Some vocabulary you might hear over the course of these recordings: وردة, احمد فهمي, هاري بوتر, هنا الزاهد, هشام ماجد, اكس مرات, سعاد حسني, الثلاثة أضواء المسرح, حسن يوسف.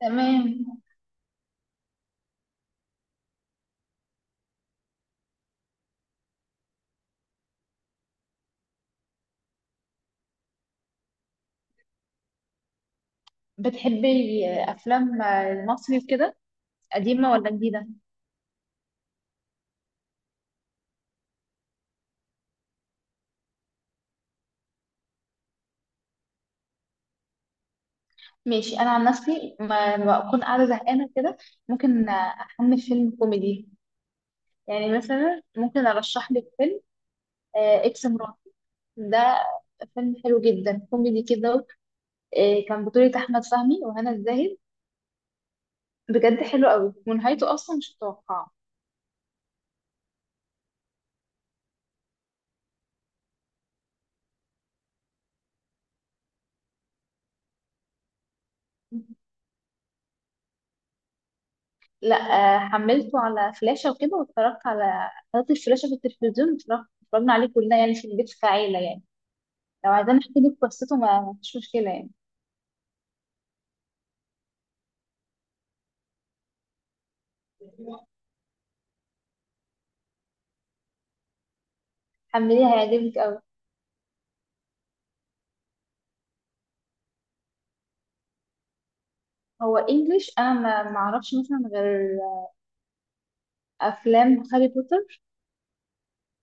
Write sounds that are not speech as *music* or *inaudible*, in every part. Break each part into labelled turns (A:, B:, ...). A: تمام. بتحبي افلام المصري وكده؟ قديمه ولا جديده؟ ماشي، انا عن نفسي لما بكون قاعده زهقانه كده ممكن احمل فيلم كوميدي. يعني مثلا ممكن ارشح لك فيلم. اكس مرات، ده فيلم حلو جدا كوميدي كده. كان بطولة احمد فهمي وهنا الزاهد. بجد حلو قوي ونهايته اصلا مش متوقعه. لا حملته على فلاشة وكده، واتفرجت على حطيت الفلاشة في التلفزيون، اتفرجنا عليه كلنا يعني في البيت كعيلة يعني. لو عايزين احكي لك قصته ما فيش مشكله يعني. حمليها هيعجبك قوي. هو انجليش، انا ما اعرفش مثلا غير افلام هاري بوتر،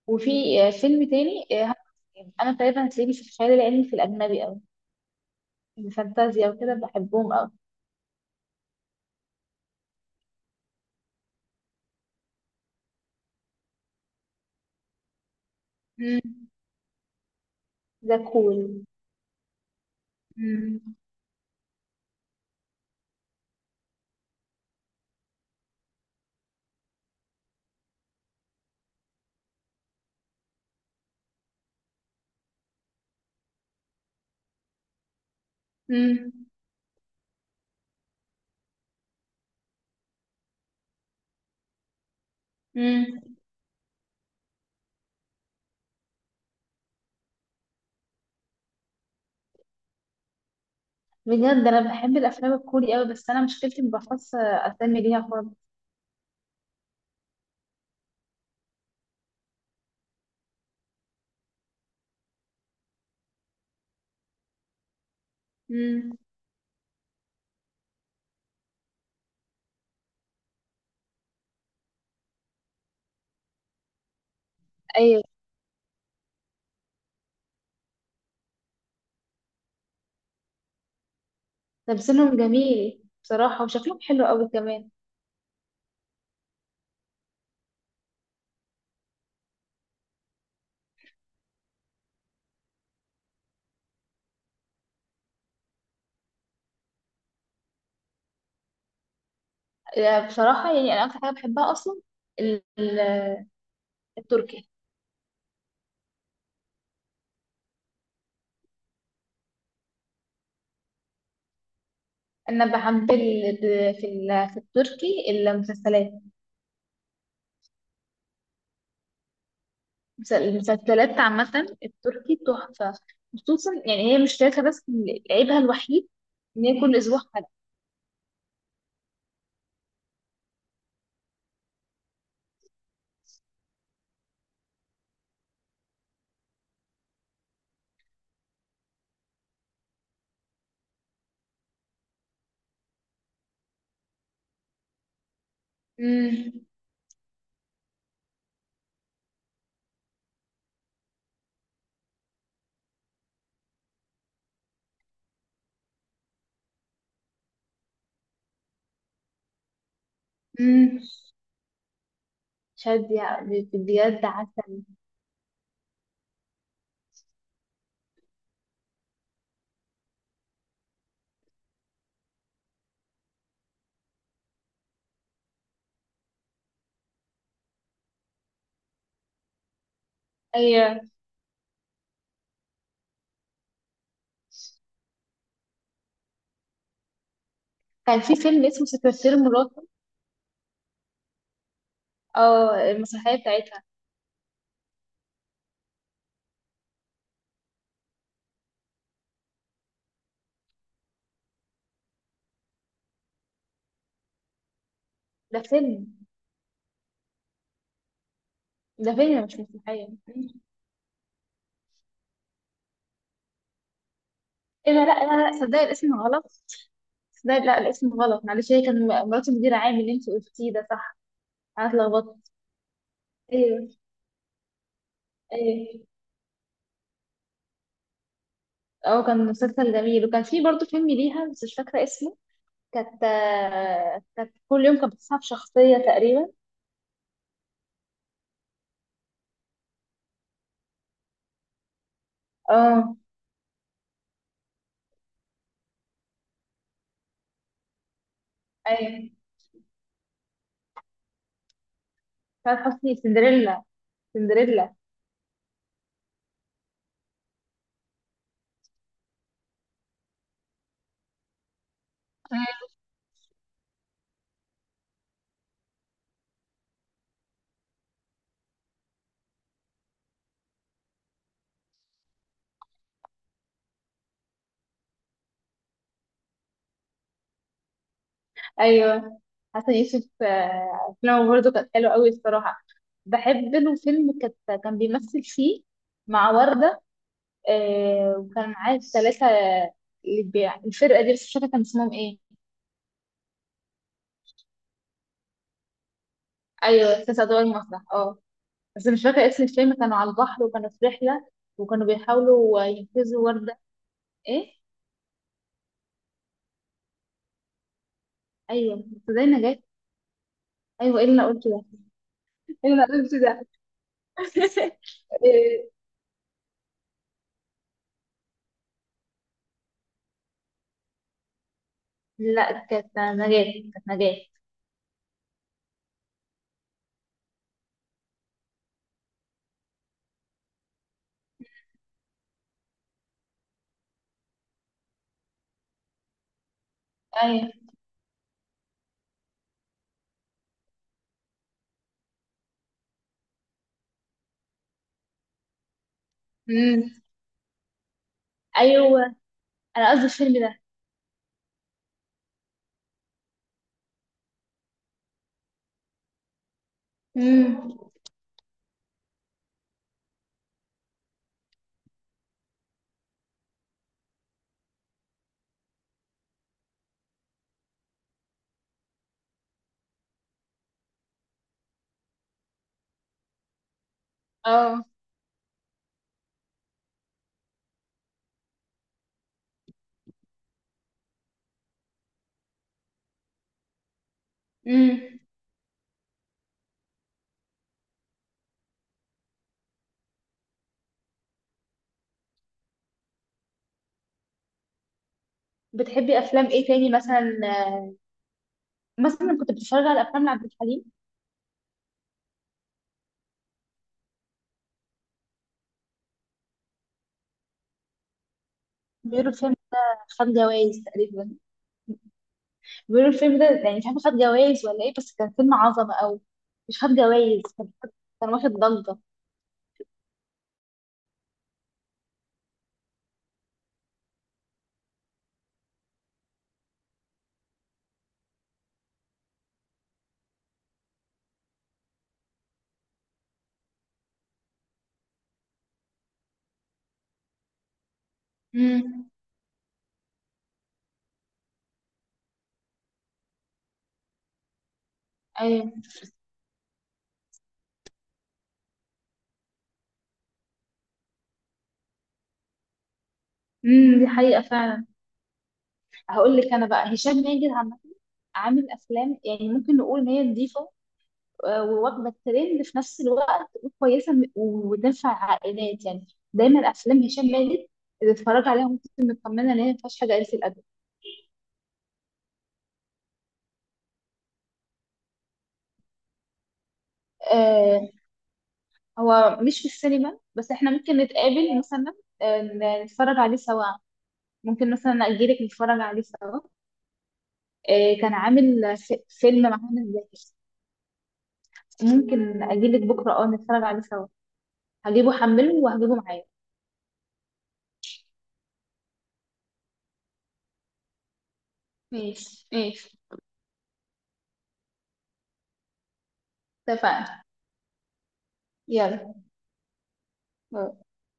A: وفي فيلم تاني، انا تقريبا هتلاقيني في الخيال العلمي، في الاجنبي قوي، الفانتازيا وكده بحبهم قوي. مم. ده كول. مم. مم. مم. بجد انا بحب الافلام الكوري قوي، بس انا مشكلتي ما بحفظش اسامي ليها خالص. مم. ايوه. تمثيلهم جميل بصراحه، وشكلهم حلو قوي كمان. بصراحة يعني أنا أكتر حاجة بحبها أصلا ال- ال- التركي. أنا بحب في التركي المسلسلات، المسلسلات عامة التركي تحفة. خصوصا يعني هي مش تاريخها بس، عيبها الوحيد إن هي كل أسبوع حلقة. أمم. أمم. شد يعني بجد عسل. أيوة. كان في فيلم اسمه سكرتير مراته، أو المسرحية بتاعتها. ده فيلم. ده فيلم مش مسرحية. مم. إيه ده، لا لا لا، صدقني الاسم غلط. بس ده، لا الاسم غلط، معلش هي كان مرات المدير عام اللي انت قلتيه ده صح. انا اتلخبطت. ايوه. ايوه. اه، كان مسلسل جميل، وكان في برضه فيلم ليها بس مش فاكره اسمه. كانت كل يوم كانت بتصحى بشخصيه تقريبا. اه. ايوه، سعاد حسني سندريلا، سندريلا. مم. ايوه، حسن يوسف افلامه برضه كانت حلوه قوي الصراحه. بحب له فيلم كان بيمثل فيه مع وردة. وكان معاه الثلاثة اللي بيع الفرقة دي، بس مش فاكرة كان اسمهم ايه. ايوه، الثلاثة أضواء المسرح، اه. بس مش فاكرة اسم الفيلم، كانوا على البحر وكانوا في رحلة وكانوا بيحاولوا ينقذوا وردة. ايه؟ ايوه بس زي نجاة. ايوه، ايه اللي انا قلته ده؟ ايه اللي انا قلته ده؟ *laughs* إيه، لا كانت نجاة، كانت نجاة. ايوه. امم. ايوه، انا قصدي الفيلم ده. امم. اه. امم. بتحبي افلام ايه تاني مثلا؟ مثلا كنت بتتفرج على افلام لعبد الحليم؟ غير الفيلم خد جوائز تقريبا. بيقولوا الفيلم ده يعني مش عارفه خد جوائز ولا ايه، بس كان فيلم عظمه قوي. مش خد جوائز، كان واخد ضجه. امم. ايوه. امم. دي حقيقة فعلا. هقول لك انا بقى هشام ماجد عامه عامل افلام يعني ممكن نقول ان هي نظيفه، وواخده الترند في نفس الوقت وكويسه، وتنفع عائلات يعني. دايما افلام هشام ماجد اللي اتفرج عليها ممكن تكون مطمنه ان هي ما فيهاش حاجه قليله الادب. آه، هو مش في السينما، بس احنا ممكن نتقابل مثلا، نتفرج عليه سوا، ممكن مثلا اجيلك نتفرج عليه سوا. كان عامل فيلم مع هنا الزاهد. ممكن اجيلك بكره، نتفرج عليه سوا. هجيبه حمله وهجيبه معايا. ماشي، ماشي. اتفقنا. يلا، باي.